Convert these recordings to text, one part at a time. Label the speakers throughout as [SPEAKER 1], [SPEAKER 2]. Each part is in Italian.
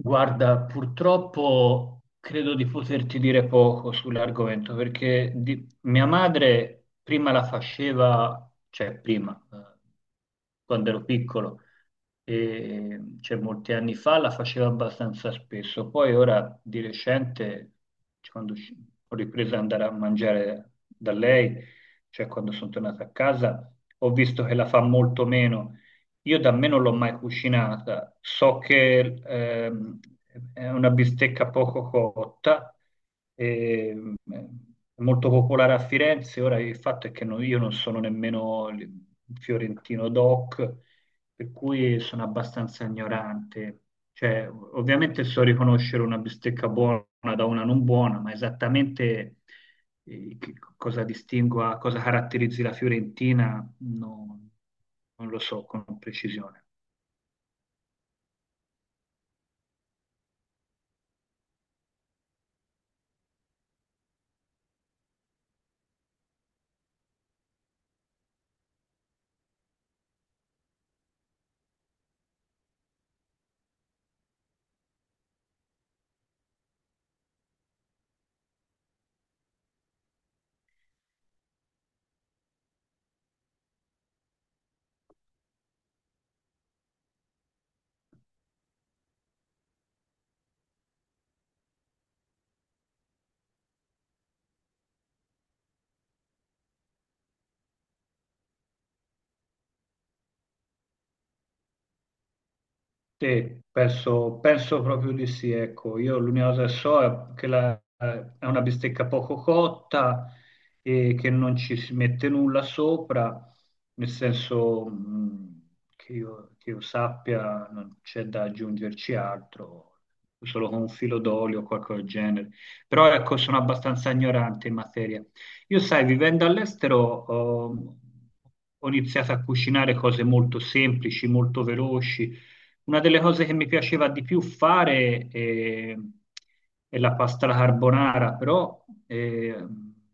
[SPEAKER 1] Guarda, purtroppo credo di poterti dire poco sull'argomento perché di- mia madre prima la faceva, cioè prima, quando ero piccolo, e, cioè molti anni fa la faceva abbastanza spesso, poi ora di recente, cioè, quando usci- ho ripreso ad andare a mangiare da lei, cioè quando sono tornato a casa, ho visto che la fa molto meno. Io da me non l'ho mai cucinata, so che ehm, è una bistecca poco cotta, è molto popolare a Firenze, ora il fatto è che non- io non sono nemmeno il fiorentino doc, per cui sono abbastanza ignorante. Cioè, ov- ovviamente so riconoscere una bistecca buona da una non buona, ma esattamente che cosa distingua, cosa caratterizzi la Fiorentina, non lo so con precisione. Sì, penso, penso proprio di sì, ecco, io l'unica cosa che so è che la- è una bistecca poco cotta e che non ci si mette nulla sopra, nel senso che io sappia non c'è da aggiungerci altro, solo con un filo d'olio o qualcosa del genere, però ecco sono abbastanza ignorante in materia. Io sai, vivendo all'estero ho ho iniziato a cucinare cose molto semplici, molto veloci, una delle cose che mi piaceva di più fare è, la pasta alla carbonara, però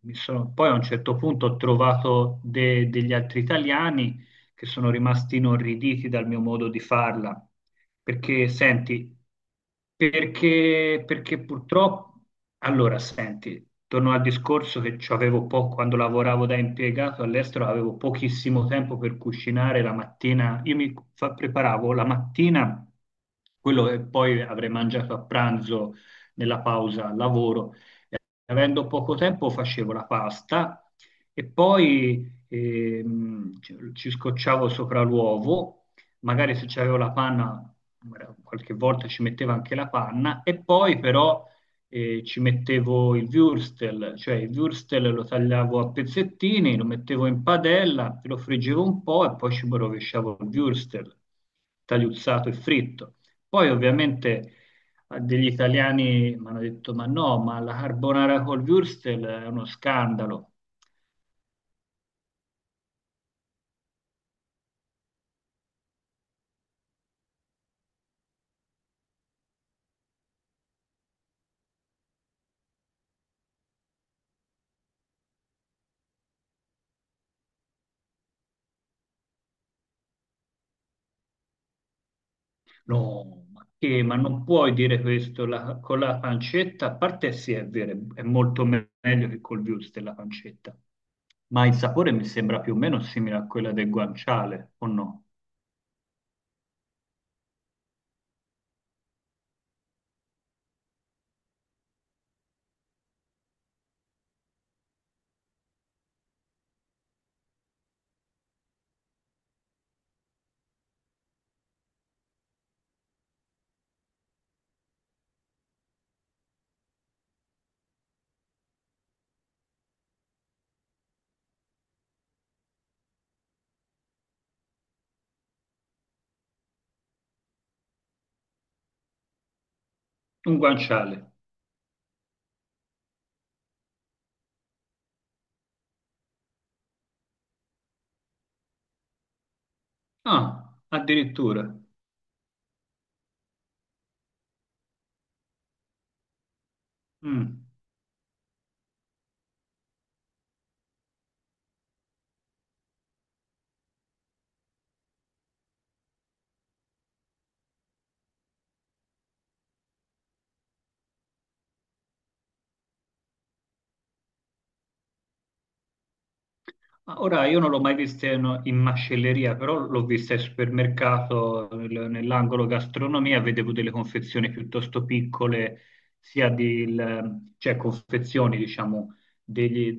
[SPEAKER 1] mi sono- poi a un certo punto ho trovato de- degli altri italiani che sono rimasti inorriditi dal mio modo di farla. Perché, senti, perché purtroppo, allora, senti, torno al discorso che ci avevo po- quando lavoravo da impiegato all'estero, avevo pochissimo tempo per cucinare la mattina. Io mi fa- preparavo la mattina quello che poi avrei mangiato a pranzo nella pausa al lavoro, avendo poco tempo facevo la pasta e poi ci scocciavo sopra l'uovo, magari se c'avevo la panna, magari qualche volta ci mettevo anche la panna, e poi però ci mettevo il würstel, cioè il würstel lo tagliavo a pezzettini, lo mettevo in padella, lo friggevo un po' e poi ci rovesciavo il würstel tagliuzzato e fritto. Poi ovviamente degli italiani mi hanno detto: Ma no, ma la carbonara col Würstel è uno scandalo. No, ma che? Ma non puoi dire questo la- con la pancetta. A parte sì, è vero, è molto me- meglio che col Würstel la pancetta. Ma il sapore mi sembra più o meno simile a quella del guanciale, o no? Un guanciale. Ah, addirittura. Mm. Ma ora io non l'ho mai vista in, in macelleria, però l'ho vista al supermercato, nel- nell'angolo gastronomia, vedevo delle confezioni piuttosto piccole, sia di, il- cioè confezioni, diciamo, degli-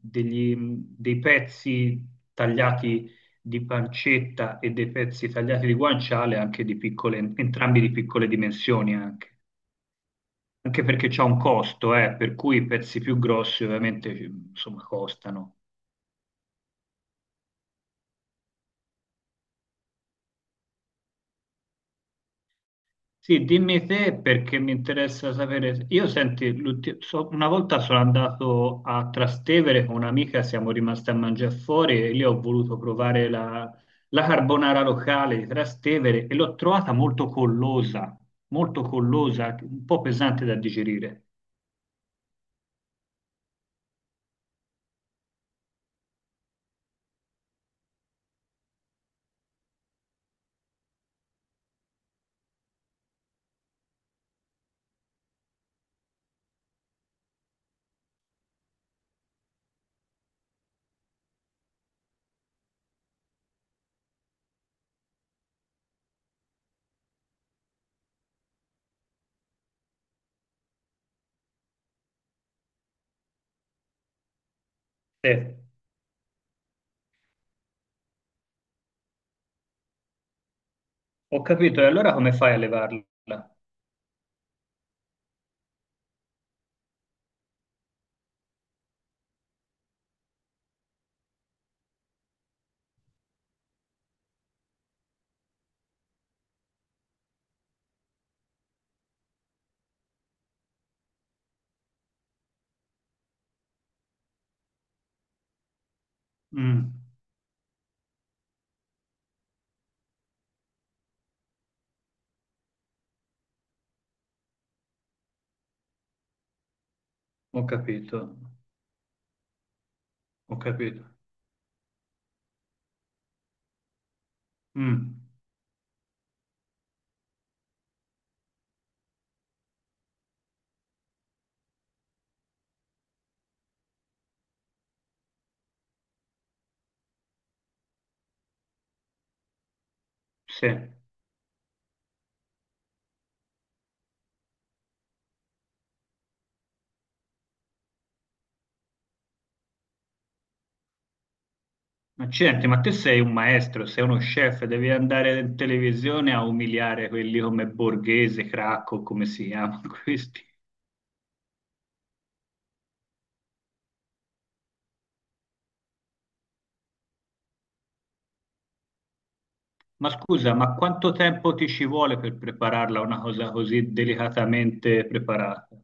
[SPEAKER 1] degli- dei pezzi tagliati di pancetta e dei pezzi tagliati di guanciale, anche di piccole, entrambi di piccole dimensioni anche. Anche perché c'è un costo, per cui i pezzi più grossi ovviamente, insomma, costano. Sì, dimmi te perché mi interessa sapere. Io senti, l'ulti- so- una volta sono andato a Trastevere con un'amica, siamo rimasti a mangiare fuori e lì ho voluto provare la, la carbonara locale di Trastevere e l'ho trovata molto collosa, un po' pesante da digerire. Eh, ho capito, e allora come fai a levarla? Mm, ho capito, ho capito. Mm, sì. Accidenti, ma te sei un maestro, sei uno chef, devi andare in televisione a umiliare quelli come Borghese, Cracco, come si chiamano questi. Ma scusa, ma quanto tempo ti ci vuole per prepararla una cosa così delicatamente preparata?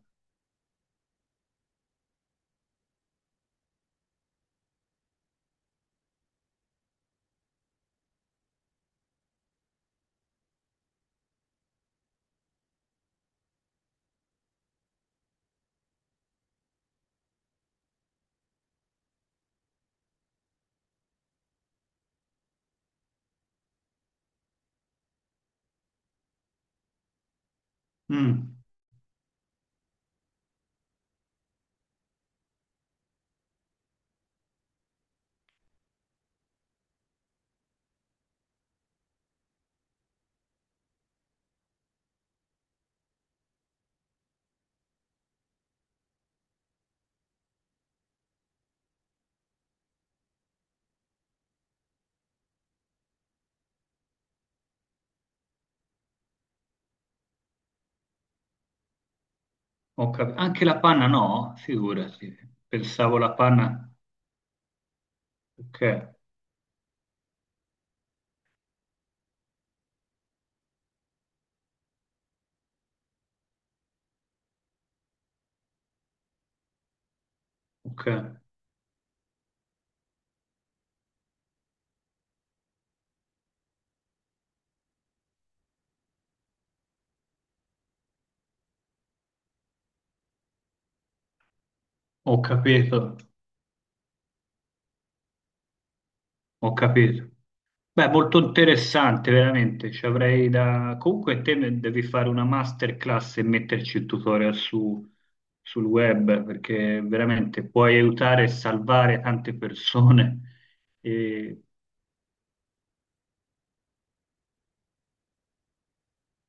[SPEAKER 1] Mm, ho cap- Anche la panna no? Figurati, pensavo la panna. Ok, ok, ho capito, ho capito. Beh, molto interessante, veramente. Ci avrei da... Comunque te ne devi fare una masterclass e metterci il tutorial su- sul web, perché veramente puoi aiutare e salvare tante persone. E...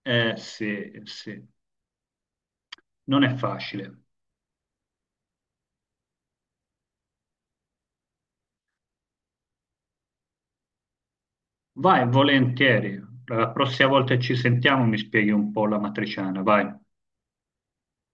[SPEAKER 1] Eh sì, sì, non è facile. Vai, volentieri. La prossima volta che ci sentiamo mi spieghi un po' la matriciana, vai.